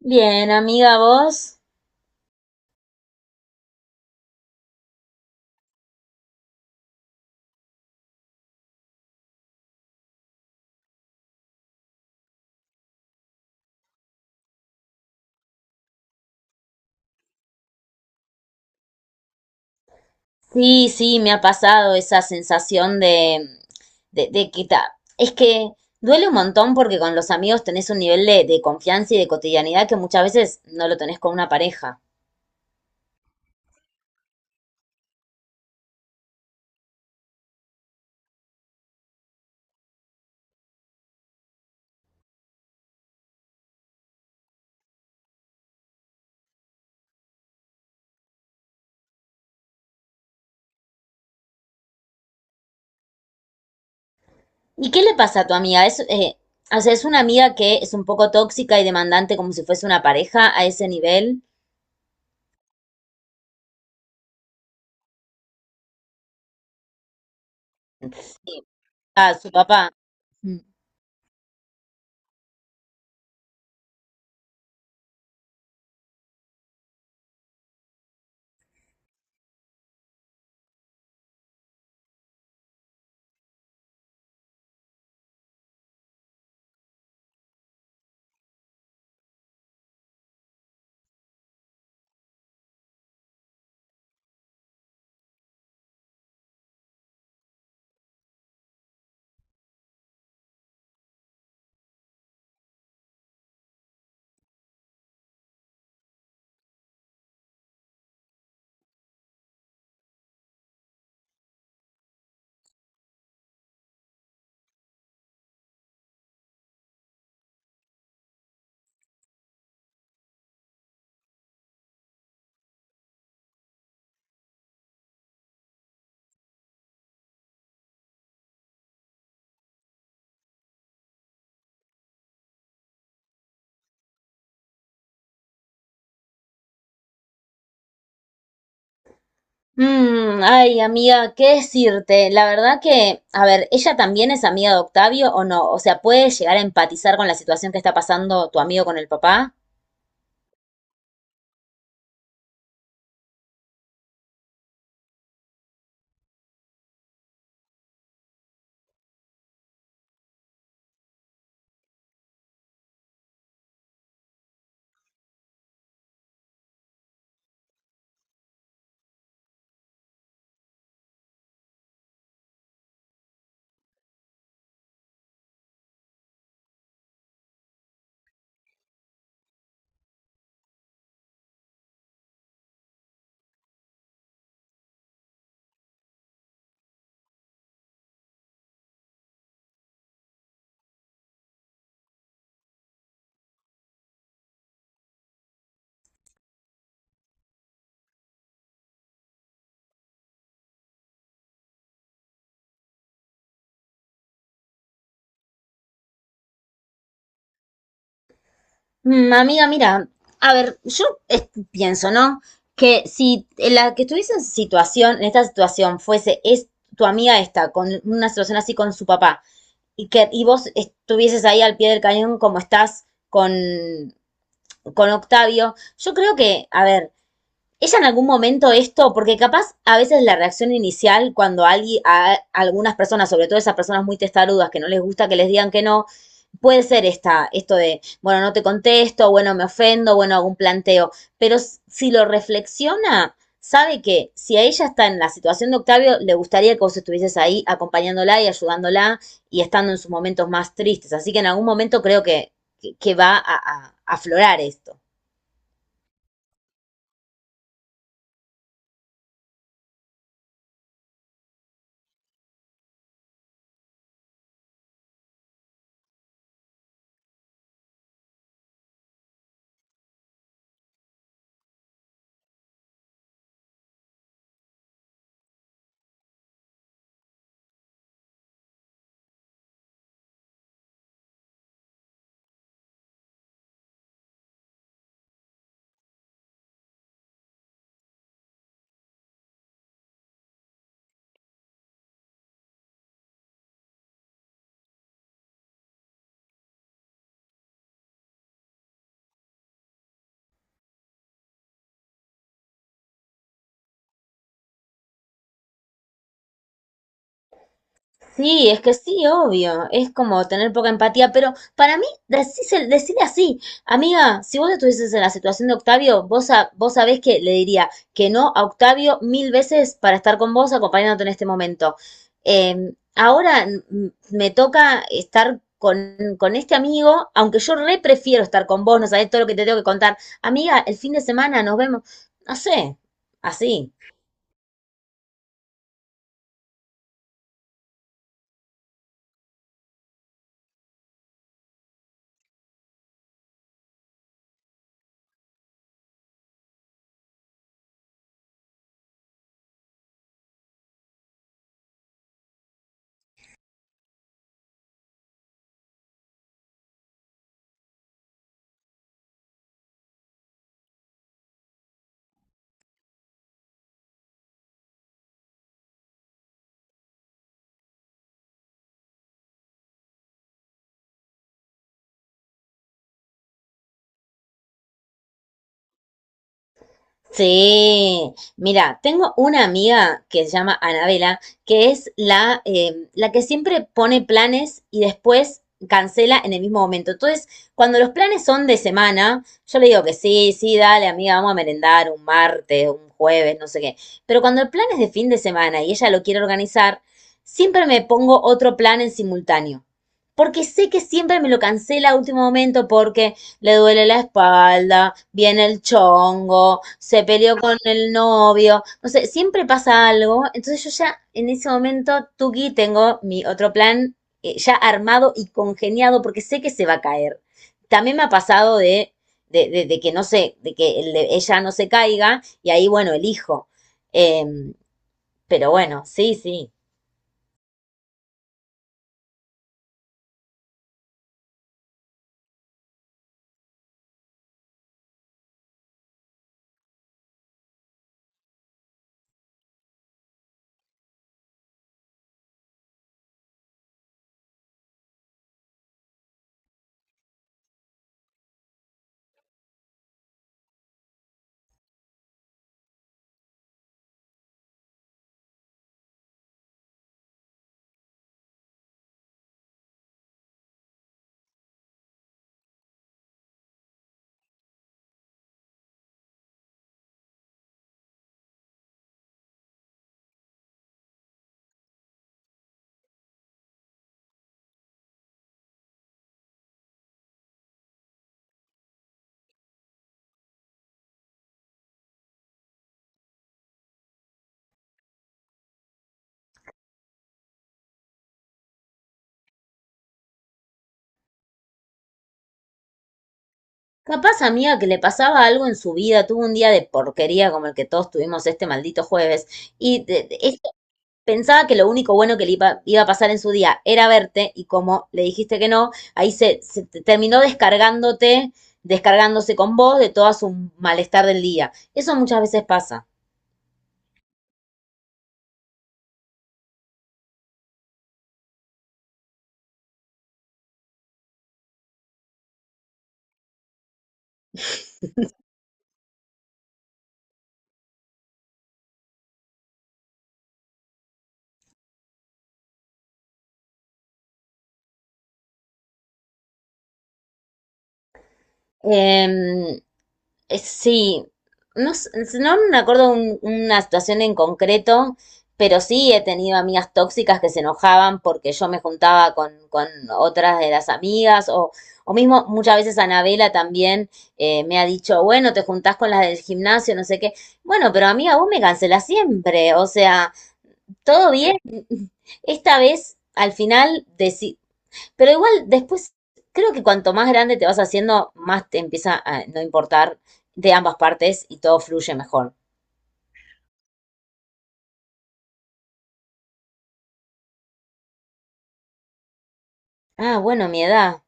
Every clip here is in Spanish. Bien, amiga, vos. Sí, sí, me ha pasado esa sensación de que es que duele un montón porque con los amigos tenés un nivel de confianza y de cotidianidad que muchas veces no lo tenés con una pareja. ¿Y qué le pasa a tu amiga? O sea, es una amiga que es un poco tóxica y demandante como si fuese una pareja a ese nivel. A su papá. Mm. Ay, amiga, ¿qué decirte? La verdad que, a ver, ¿ella también es amiga de Octavio o no? O sea, ¿puede llegar a empatizar con la situación que está pasando tu amigo con el papá? Amiga, mira, a ver, yo pienso, ¿no? Que si la que estuviese en esta situación es tu amiga esta, con una situación así con su papá, y que, y vos estuvieses ahí al pie del cañón como estás con Octavio, yo creo que, a ver, ella en algún momento esto, porque capaz a veces la reacción inicial cuando alguien, a algunas personas, sobre todo esas personas muy testarudas que no les gusta que les digan que no, puede ser esta, esto de, bueno, no te contesto, bueno, me ofendo, bueno, hago un planteo, pero si lo reflexiona, sabe que si a ella está en la situación de Octavio, le gustaría que vos estuvieses ahí acompañándola y ayudándola y estando en sus momentos más tristes. Así que en algún momento creo que va a aflorar esto. Sí, es que sí, obvio, es como tener poca empatía, pero para mí, decirle así, amiga, si vos estuvieses en la situación de Octavio, vos, sabés que le diría que no a Octavio mil veces para estar con vos acompañándote en este momento. Ahora me toca estar con este amigo, aunque yo re prefiero estar con vos, no sabés todo lo que te tengo que contar. Amiga, el fin de semana nos vemos, no sé, así. Sí, mira, tengo una amiga que se llama Anabela, que es la, la que siempre pone planes y después cancela en el mismo momento. Entonces, cuando los planes son de semana, yo le digo que sí, sí, dale, amiga, vamos a merendar un martes, un jueves, no sé qué. Pero cuando el plan es de fin de semana y ella lo quiere organizar, siempre me pongo otro plan en simultáneo. Porque sé que siempre me lo cancela a último momento porque le duele la espalda, viene el chongo, se peleó con el novio, no sé, siempre pasa algo. Entonces yo ya en ese momento, Tuki, tengo mi otro plan ya armado y congeniado porque sé que se va a caer. También me ha pasado de, de que no sé, de que el de ella no se caiga y ahí, bueno, elijo. Em, pero bueno, sí, sí. Capaz, amiga, que le pasaba algo en su vida, tuvo un día de porquería como el que todos tuvimos este maldito jueves. Y de- es Pensaba que lo único bueno que le iba a pasar en su día era verte y como le dijiste que no, ahí se terminó descargándote, descargándose con vos de todo su malestar del día. Eso muchas veces pasa. Em, Sí, no, no me acuerdo una situación en concreto, pero sí he tenido amigas tóxicas que se enojaban porque yo me juntaba con otras de las amigas, o, mismo muchas veces Anabela también me ha dicho, bueno, te juntás con las del gimnasio, no sé qué. Bueno, pero amiga, vos me cancelás siempre, o sea, todo bien. Esta vez, al final, pero igual después, creo que cuanto más grande te vas haciendo, más te empieza a no importar de ambas partes y todo fluye mejor. Ah, bueno, mi edad.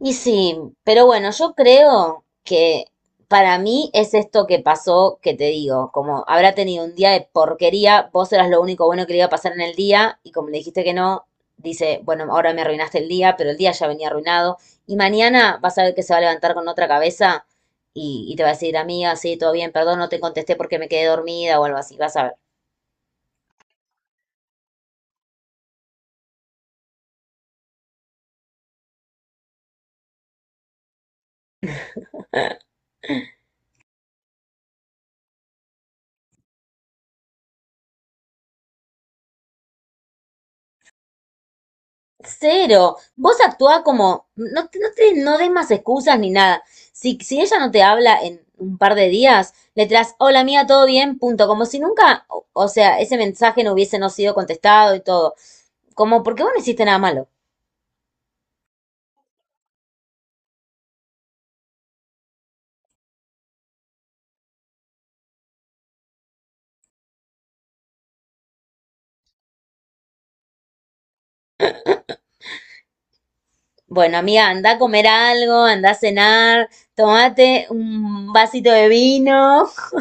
Y sí, pero bueno, yo creo que para mí es esto que pasó, que te digo, como habrá tenido un día de porquería, vos eras lo único bueno que le iba a pasar en el día y como le dijiste que no, dice, bueno, ahora me arruinaste el día, pero el día ya venía arruinado y mañana vas a ver que se va a levantar con otra cabeza y te va a decir, amiga, sí, todo bien, perdón, no te contesté porque me quedé dormida o algo así, vas a ver. Cero. Vos actúa como. No, no des más excusas ni nada. Si ella no te habla en un par de días, le traes hola mía, todo bien, punto. Como si nunca. O sea, ese mensaje no hubiese no sido contestado y todo. Como, ¿porque vos no hiciste nada malo? Bueno, amiga, anda a comer algo, anda a cenar, tomate un vasito de vino.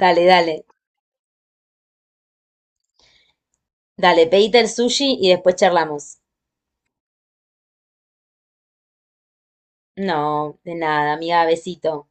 Dale, dale. Dale, pedite el sushi y después charlamos. No, de nada, amiga, besito.